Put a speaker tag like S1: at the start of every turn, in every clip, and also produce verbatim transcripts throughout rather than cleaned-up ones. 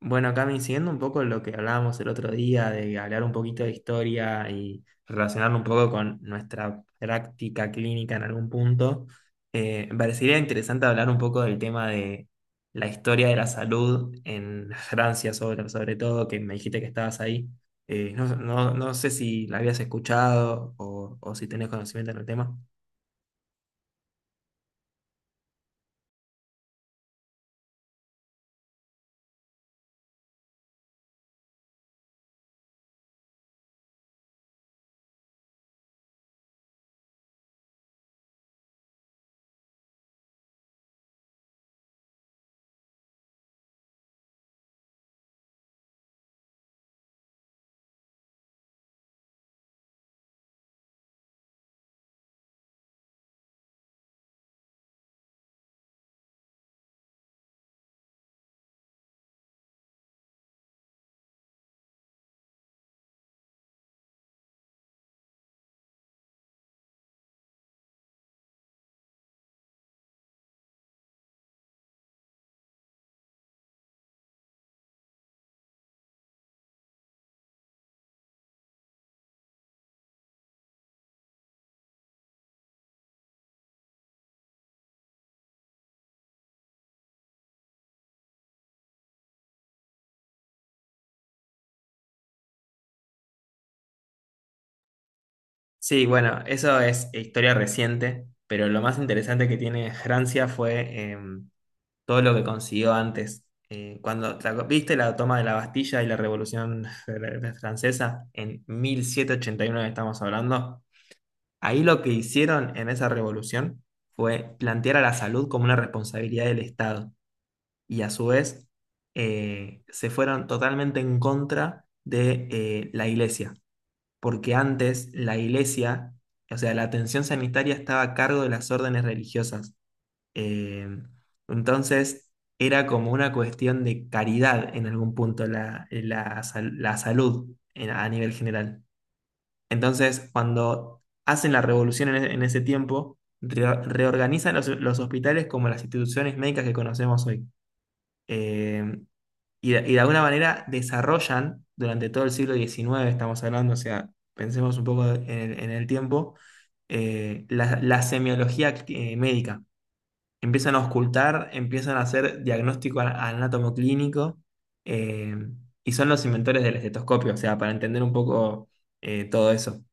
S1: Bueno, Cami, siguiendo un poco lo que hablábamos el otro día, de hablar un poquito de historia y relacionarlo un poco con nuestra práctica clínica en algún punto, eh, me parecería interesante hablar un poco del tema de la historia de la salud en Francia, sobre, sobre todo, que me dijiste que estabas ahí. Eh, no, no, no sé si la habías escuchado o, o si tenés conocimiento en el tema. Sí, bueno, eso es historia reciente, pero lo más interesante que tiene Francia fue em, todo lo que consiguió antes. Eh, cuando, ¿la- ¿Viste la toma de la Bastilla y la Revolución Francesa? En mil setecientos ochenta y nueve estamos hablando. Ahí lo que hicieron en esa revolución fue plantear a la salud como una responsabilidad del Estado y a su vez eh, se fueron totalmente en contra de eh, la iglesia, porque antes la iglesia, o sea, la atención sanitaria estaba a cargo de las órdenes religiosas, eh, entonces, era como una cuestión de caridad en algún punto la, la sal- la salud en- a nivel general. Entonces, cuando hacen la revolución en, e- en ese tiempo, re- reorganizan los, los hospitales como las instituciones médicas que conocemos hoy. Eh, y, de, y de alguna manera desarrollan durante todo el siglo diecinueve, estamos hablando, o sea, pensemos un poco en el, en el tiempo, eh, la, la semiología eh, médica, empiezan a auscultar, empiezan a hacer diagnóstico a- anátomo, eh, y son los inventores del estetoscopio, o sea, para entender un poco eh, todo eso.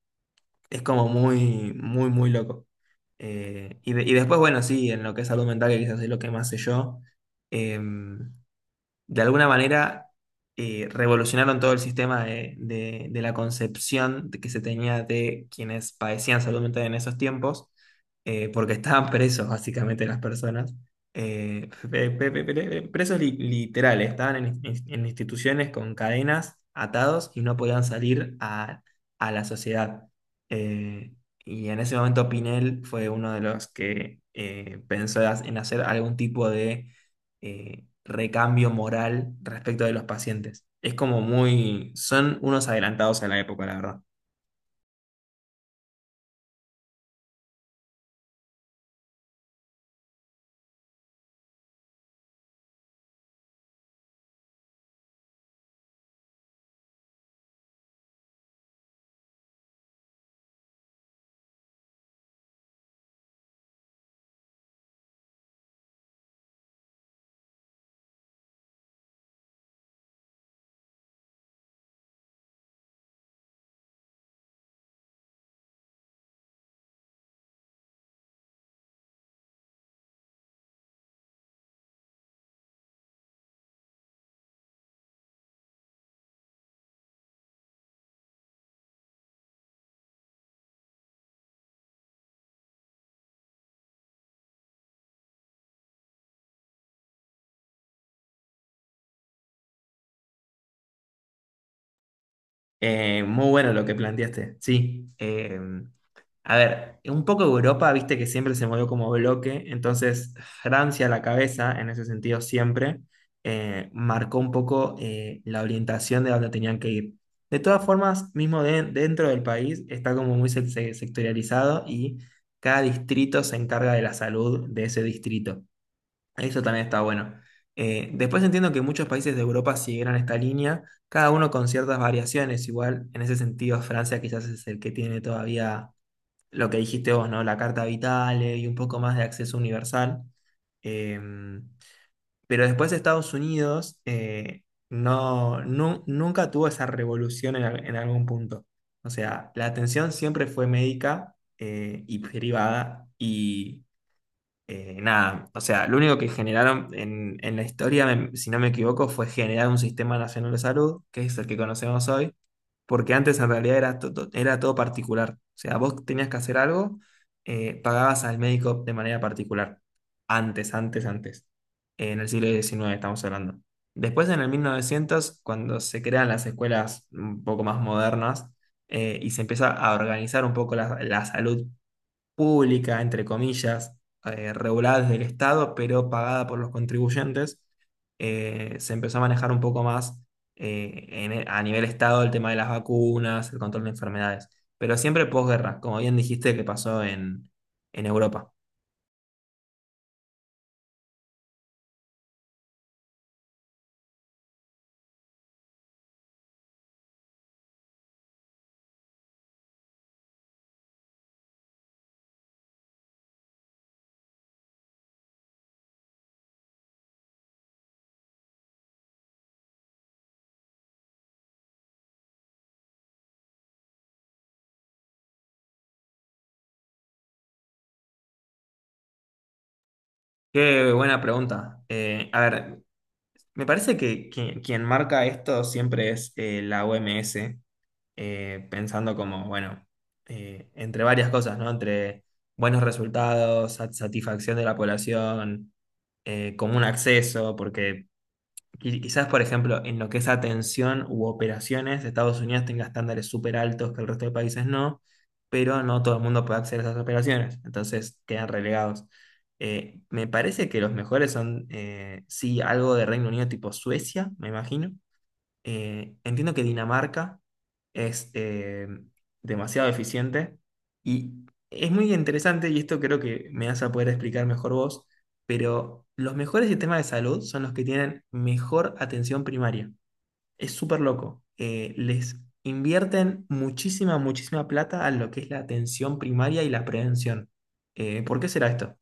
S1: Es como muy, muy, muy loco. Eh, y, de- y después, bueno, sí, en lo que es salud mental, que quizás es lo que más sé yo, eh, de alguna manera eh, revolucionaron todo el sistema de, de- de la concepción de- que se tenía de quienes padecían salud mental en esos tiempos, eh, porque estaban presos básicamente las personas, eh, pe- pe- pe- pe- presos li- literales, estaban en, in- en instituciones con cadenas, atados y no podían salir a, a la sociedad. Eh, y en ese momento Pinel fue uno de los que eh, pensó en hacer algún tipo de eh, recambio moral respecto de los pacientes. Es como muy, son unos adelantados a la época, la verdad. Eh, muy bueno lo que planteaste, sí. Eh, a ver, un poco Europa, viste que siempre se movió como bloque, entonces Francia a la cabeza, en ese sentido siempre eh, marcó un poco eh, la orientación de dónde tenían que ir. De todas formas, mismo de- dentro del país está como muy se- se- sectorializado y cada distrito se encarga de la salud de ese distrito. Eso también está bueno. Eh, después entiendo que muchos países de Europa siguieron esta línea, cada uno con ciertas variaciones. Igual, en ese sentido, Francia quizás es el que tiene todavía lo que dijiste vos, ¿no? La Carta Vital, eh, y un poco más de acceso universal. Eh, pero después Estados Unidos eh, no, nu- nunca tuvo esa revolución en, al- en algún punto. O sea, la atención siempre fue médica eh, y privada. Eh, nada, o sea, lo único que generaron en, en la historia, me- si no me equivoco, fue generar un sistema nacional de salud, que es el que conocemos hoy, porque antes en realidad era, to- to- era todo particular. O sea, vos tenías que hacer algo, eh, pagabas al médico de manera particular. Antes, antes, antes. En el siglo diecinueve estamos hablando. Después, en el mil novecientos, cuando se crean las escuelas un poco más modernas, eh, y se empieza a organizar un poco la, la salud pública, entre comillas, eh, regulada desde el Estado, pero pagada por los contribuyentes, eh, se empezó a manejar un poco más eh, en- e, a nivel Estado el tema de las vacunas, el control de enfermedades, pero siempre posguerra, como bien dijiste que pasó en, en Europa. Qué buena pregunta. Eh, a ver, me parece que, que quien marca esto siempre es eh, la O M S, eh, pensando como, bueno, eh, entre varias cosas, ¿no? Entre buenos resultados, sat- satisfacción de la población, eh, común acceso, porque qui- quizás, por ejemplo, en lo que es atención u operaciones, Estados Unidos tenga estándares súper altos que el resto de países no, pero no todo el mundo puede acceder a esas operaciones, entonces quedan relegados. Eh, me parece que los mejores son, eh, sí, algo de Reino Unido tipo Suecia, me imagino. Eh, entiendo que Dinamarca es eh, demasiado eficiente y es muy interesante, y esto creo que me vas a poder explicar mejor vos, pero los mejores sistemas de salud son los que tienen mejor atención primaria. Es súper loco. Eh, les invierten muchísima, muchísima plata a lo que es la atención primaria y la prevención. Eh, ¿por qué será esto?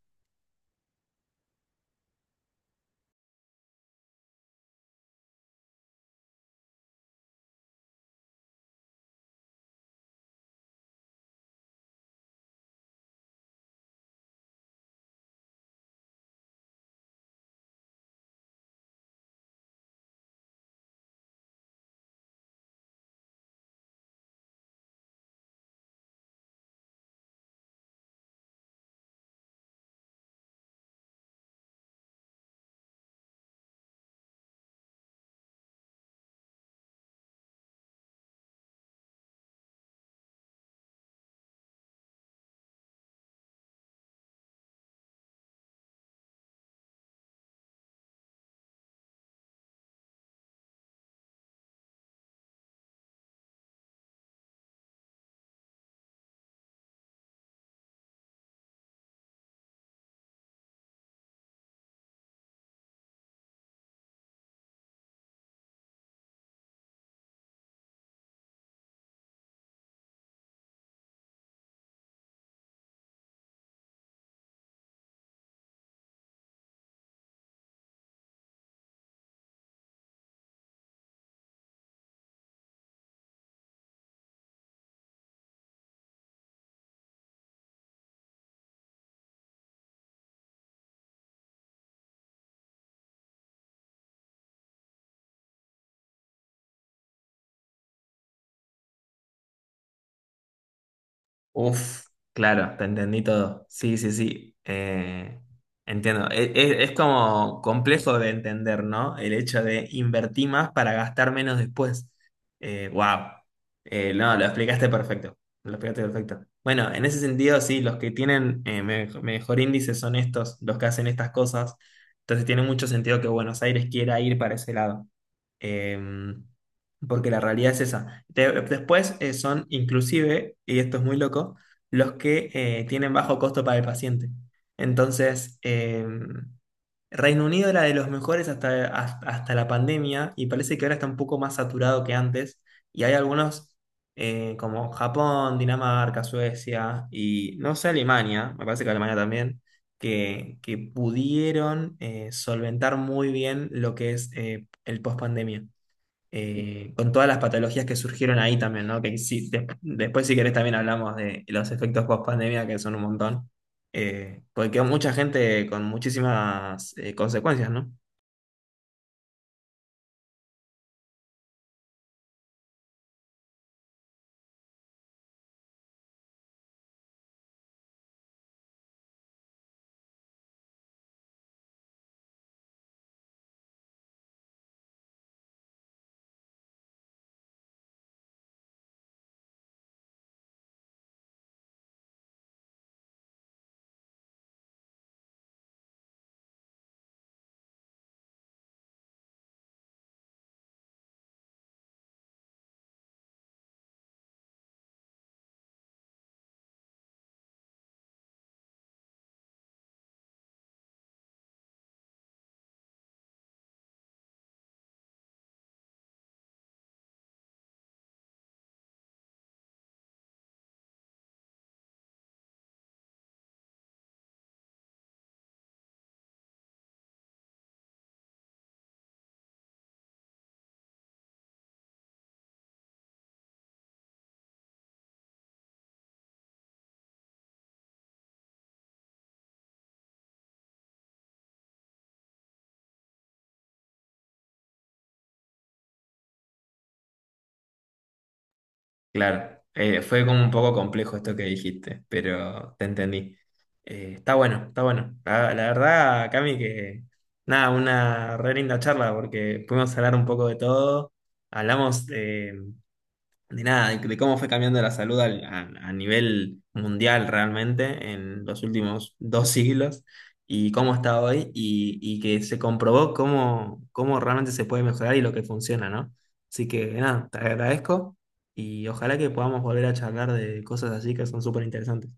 S1: Uf, claro, te entendí todo. Sí, sí, sí. Eh, entiendo. E- e- Es como complejo de entender, ¿no? El hecho de invertir más para gastar menos después. Eh, wow. Eh, no, lo explicaste perfecto. Lo explicaste perfecto. Bueno, en ese sentido, sí, los que tienen eh, me- mejor índice son estos, los que hacen estas cosas. Entonces tiene mucho sentido que Buenos Aires quiera ir para ese lado. Em, Porque la realidad es esa. Te- después eh, son inclusive, y esto es muy loco, los que eh, tienen bajo costo para el paciente. Entonces, eh, Reino Unido era de los mejores hasta, has- hasta la pandemia y parece que ahora está un poco más saturado que antes. Y hay algunos eh, como Japón, Dinamarca, Suecia y no sé, Alemania, me parece que Alemania también. Que, que pudieron eh, solventar muy bien lo que es eh, el post-pandemia, eh, con todas las patologías que surgieron ahí también, ¿no? Que sí, de- después si querés también hablamos de los efectos post pandemia, que son un montón. Eh, porque quedó mucha gente con muchísimas eh, consecuencias, ¿no? Claro, eh, fue como un poco complejo esto que dijiste, pero te entendí. Eh, está bueno, está bueno. La, la verdad, Cami, que nada, una re linda charla porque pudimos hablar un poco de todo. Hablamos, eh, de nada, de, de cómo fue cambiando la salud al- a, a nivel mundial realmente en los últimos dos siglos y cómo está hoy y, y que se comprobó cómo, cómo realmente se puede mejorar y lo que funciona, ¿no? Así que nada, te agradezco y ojalá que podamos volver a charlar de cosas así que son súper interesantes.